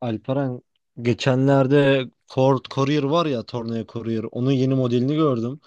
Alperen, geçenlerde Ford Courier var ya, Tornado Courier, onun yeni modelini gördüm.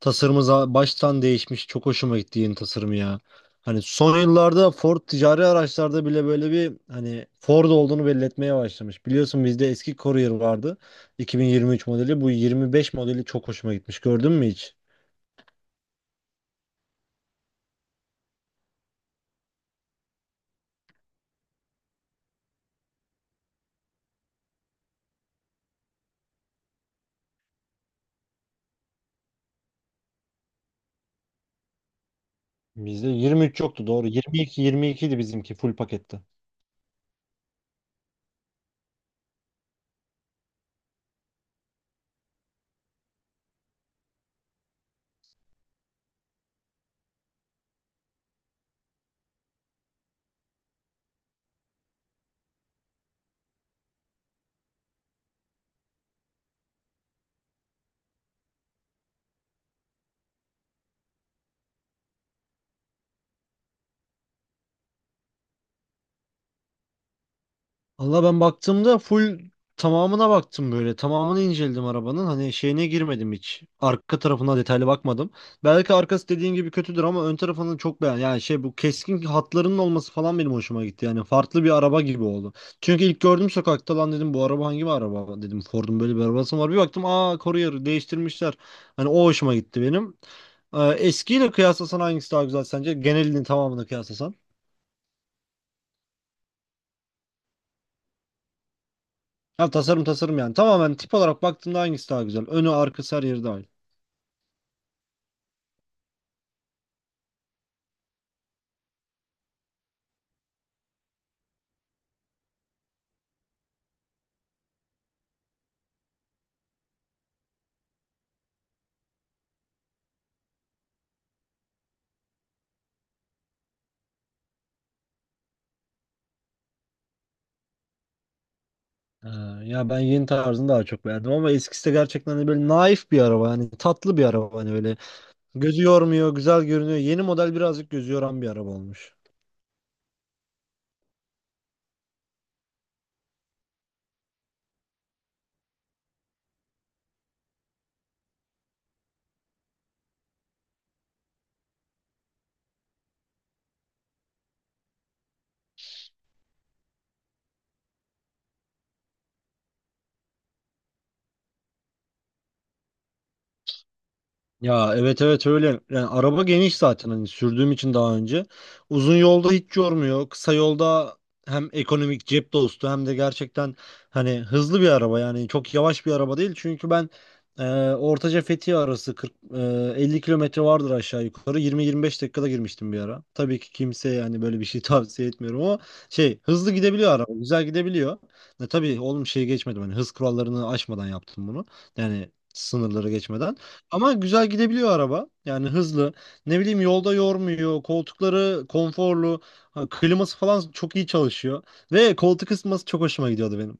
Tasarımı baştan değişmiş, çok hoşuma gitti yeni tasarımı ya. Hani son yıllarda Ford ticari araçlarda bile böyle bir hani Ford olduğunu belli etmeye başlamış. Biliyorsun bizde eski Courier vardı, 2023 modeli bu 25 modeli çok hoşuma gitmiş, gördün mü hiç? Bizde 23 yoktu, doğru, 22 22 idi bizimki full pakette. Valla ben baktığımda full tamamına baktım böyle. Tamamını inceledim arabanın. Hani şeyine girmedim hiç. Arka tarafına detaylı bakmadım. Belki arkası dediğin gibi kötüdür ama ön tarafını çok beğendim. Yani şey, bu keskin hatlarının olması falan benim hoşuma gitti. Yani farklı bir araba gibi oldu. Çünkü ilk gördüm sokakta, lan dedim bu araba hangi bir araba dedim. Ford'un böyle bir arabası mı var. Bir baktım, aa, Courier değiştirmişler. Hani o hoşuma gitti benim. Eskiyle kıyaslasan hangisi daha güzel sence? Genelini tamamını kıyaslasan. Ha, tasarım tasarım yani. Tamamen tip olarak baktığımda hangisi daha güzel? Önü, arkası, her yeri dahil. Ha, ya ben yeni tarzını daha çok beğendim ama eskisi de gerçekten hani böyle naif bir araba. Hani tatlı bir araba. Hani öyle gözü yormuyor, güzel görünüyor. Yeni model birazcık gözü yoran bir araba olmuş. Ya, evet evet öyle. Yani araba geniş zaten hani, sürdüğüm için daha önce. Uzun yolda hiç yormuyor. Kısa yolda hem ekonomik, cep dostu, hem de gerçekten hani hızlı bir araba, yani çok yavaş bir araba değil. Çünkü ben e, Ortaca Fethiye arası 40 50 kilometre vardır aşağı yukarı. 20-25 dakikada girmiştim bir ara. Tabii ki kimseye yani böyle bir şey tavsiye etmiyorum ama şey, hızlı gidebiliyor araba. Güzel gidebiliyor. Tabii oğlum şey, geçmedim hani, hız kurallarını aşmadan yaptım bunu. Yani sınırları geçmeden. Ama güzel gidebiliyor araba. Yani hızlı. Ne bileyim, yolda yormuyor. Koltukları konforlu. Ha, kliması falan çok iyi çalışıyor. Ve koltuk ısıtması çok hoşuma gidiyordu benim.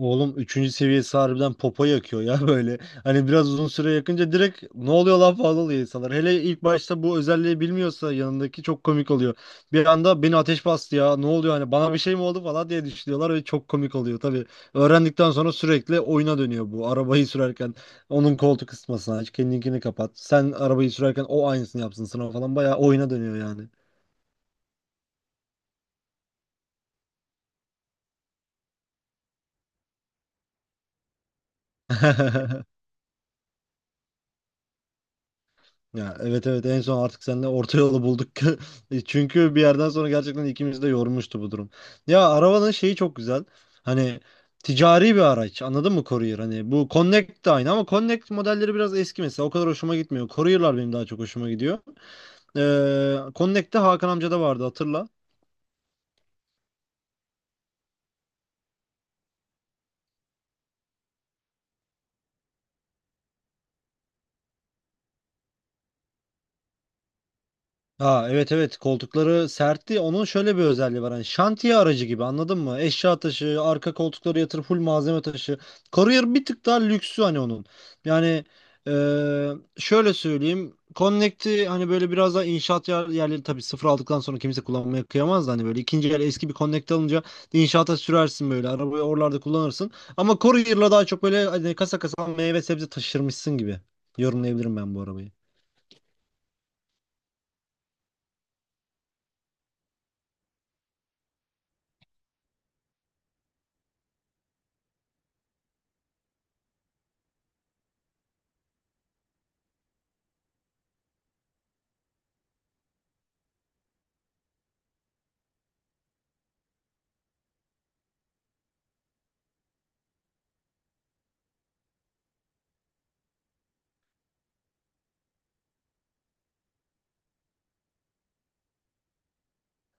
Oğlum, üçüncü seviyesi harbiden popo yakıyor ya böyle. Hani biraz uzun süre yakınca direkt ne oluyor lan falan oluyor insanlar. Hele ilk başta bu özelliği bilmiyorsa yanındaki çok komik oluyor. Bir anda beni ateş bastı ya, ne oluyor, hani bana bir şey mi oldu falan diye düşünüyorlar ve çok komik oluyor tabii. Öğrendikten sonra sürekli oyuna dönüyor bu. Arabayı sürerken onun koltuk ısıtmasını aç, kendinkini kapat. Sen arabayı sürerken o aynısını yapsın sana falan, bayağı oyuna dönüyor yani. Ya, evet evet, en son artık seninle orta yolu bulduk. Çünkü bir yerden sonra gerçekten ikimizi de yormuştu bu durum. Ya, arabanın şeyi çok güzel. Hani ticari bir araç, anladın mı, Courier? Hani bu Connect de aynı ama Connect modelleri biraz eski mesela, o kadar hoşuma gitmiyor. Courier'lar benim daha çok hoşuma gidiyor. Connect'te Hakan amca da vardı, hatırla. Ha, evet evet, koltukları sertti. Onun şöyle bir özelliği var. Hani şantiye aracı gibi, anladın mı? Eşya taşı, arka koltukları yatır, full malzeme taşı. Courier bir tık daha lüksü hani onun. Yani eee, şöyle söyleyeyim. Connect'i hani böyle biraz daha inşaat yerleri, tabii sıfır aldıktan sonra kimse kullanmaya kıyamaz da, hani böyle ikinci el eski bir Connect alınca inşaata sürersin, böyle arabayı oralarda kullanırsın. Ama Courier'la daha çok böyle hani kasa kasa meyve sebze taşırmışsın gibi yorumlayabilirim ben bu arabayı.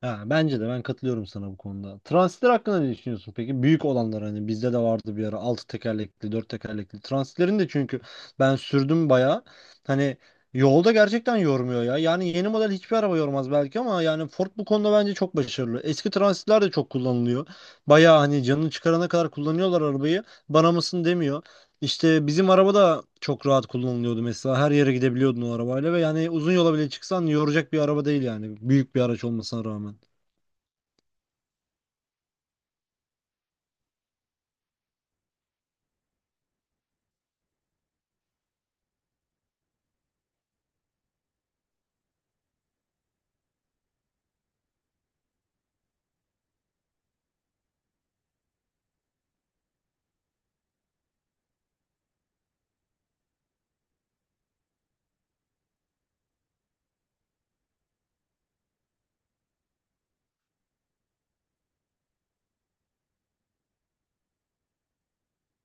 Ha, bence de, ben katılıyorum sana bu konuda. Transitler hakkında ne düşünüyorsun peki? Büyük olanlar, hani bizde de vardı bir ara, 6 tekerlekli, 4 tekerlekli. Transitlerin de, çünkü ben sürdüm bayağı. Hani yolda gerçekten yormuyor ya. Yani yeni model hiçbir araba yormaz belki ama yani Ford bu konuda bence çok başarılı. Eski transitler de çok kullanılıyor. Bayağı hani canını çıkarana kadar kullanıyorlar arabayı. Bana mısın demiyor. İşte bizim araba da çok rahat kullanılıyordu mesela. Her yere gidebiliyordun o arabayla ve yani uzun yola bile çıksan yoracak bir araba değil yani. Büyük bir araç olmasına rağmen.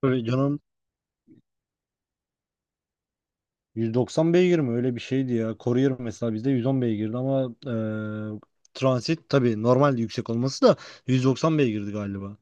Öyle canım. 190 beygir mi? Öyle bir şeydi ya. Courier mesela bizde 110 beygirdi ama transit tabii normal yüksek olması da 190 beygirdi galiba.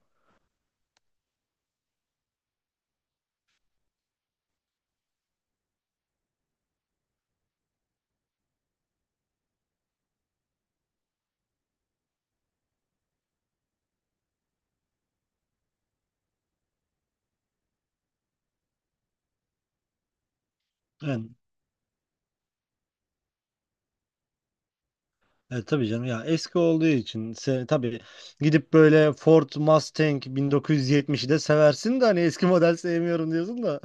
Yani, tabii canım ya, eski olduğu için tabii gidip böyle Ford Mustang 1970'i de seversin de hani eski model sevmiyorum diyorsun da.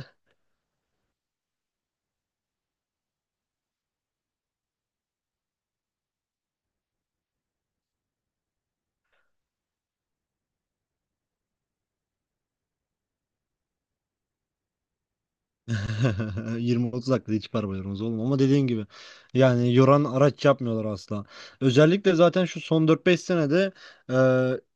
20-30 dakikada hiç arabalarımız oğlum, ama dediğin gibi yani, yoran araç yapmıyorlar asla. Özellikle zaten şu son 4-5 senede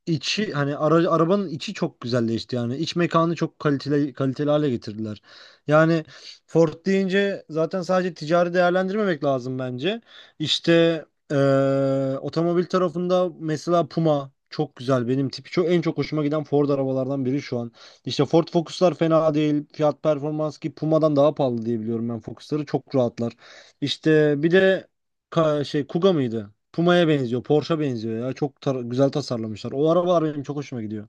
içi hani arabanın içi çok güzelleşti, yani iç mekanı çok kaliteli kaliteli hale getirdiler. Yani Ford deyince zaten sadece ticari değerlendirmemek lazım bence. İşte e, otomobil tarafında mesela Puma çok güzel, benim tipi çok, en çok hoşuma giden Ford arabalardan biri şu an. İşte Ford Focus'lar fena değil. Fiyat performans, ki Puma'dan daha pahalı diye biliyorum ben Focus'ları. Çok rahatlar. İşte bir de şey, Kuga mıydı? Puma'ya benziyor. Porsche'a benziyor ya. Çok güzel tasarlamışlar. O arabalar benim çok hoşuma gidiyor.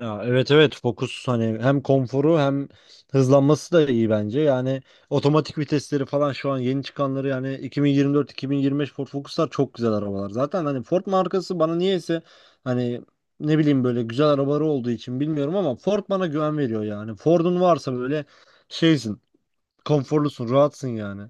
Ya, evet evet Focus hani hem konforu hem hızlanması da iyi bence. Yani otomatik vitesleri falan şu an yeni çıkanları, yani 2024-2025 Ford Focus'lar çok güzel arabalar. Zaten hani Ford markası bana niyeyse, hani, ne bileyim, böyle güzel arabaları olduğu için bilmiyorum ama Ford bana güven veriyor yani. Ford'un varsa böyle, şeysin, konforlusun, rahatsın yani.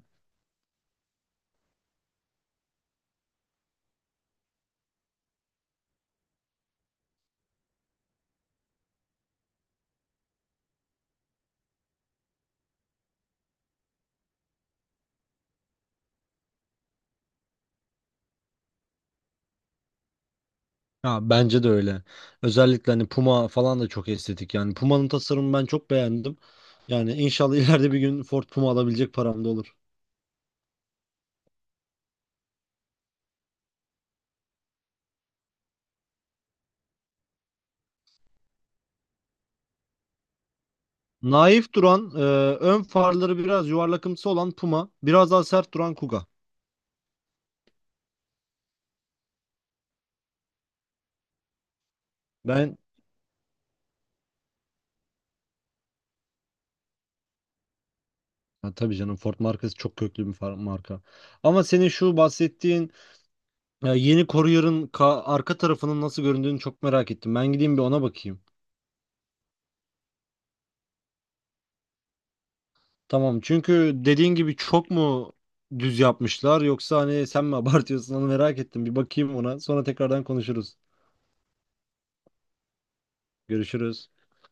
Ya, bence de öyle. Özellikle hani Puma falan da çok estetik yani. Puma'nın tasarımını ben çok beğendim. Yani inşallah ileride bir gün Ford Puma alabilecek param da olur. Naif duran, ön farları biraz yuvarlakımsı olan Puma, biraz daha sert duran Kuga. Ben ha, tabii canım, Ford markası çok köklü bir marka. Ama senin şu bahsettiğin yeni Courier'ın arka tarafının nasıl göründüğünü çok merak ettim. Ben gideyim bir ona bakayım. Tamam, çünkü dediğin gibi çok mu düz yapmışlar yoksa hani sen mi abartıyorsun, onu merak ettim. Bir bakayım ona, sonra tekrardan konuşuruz. Görüşürüz.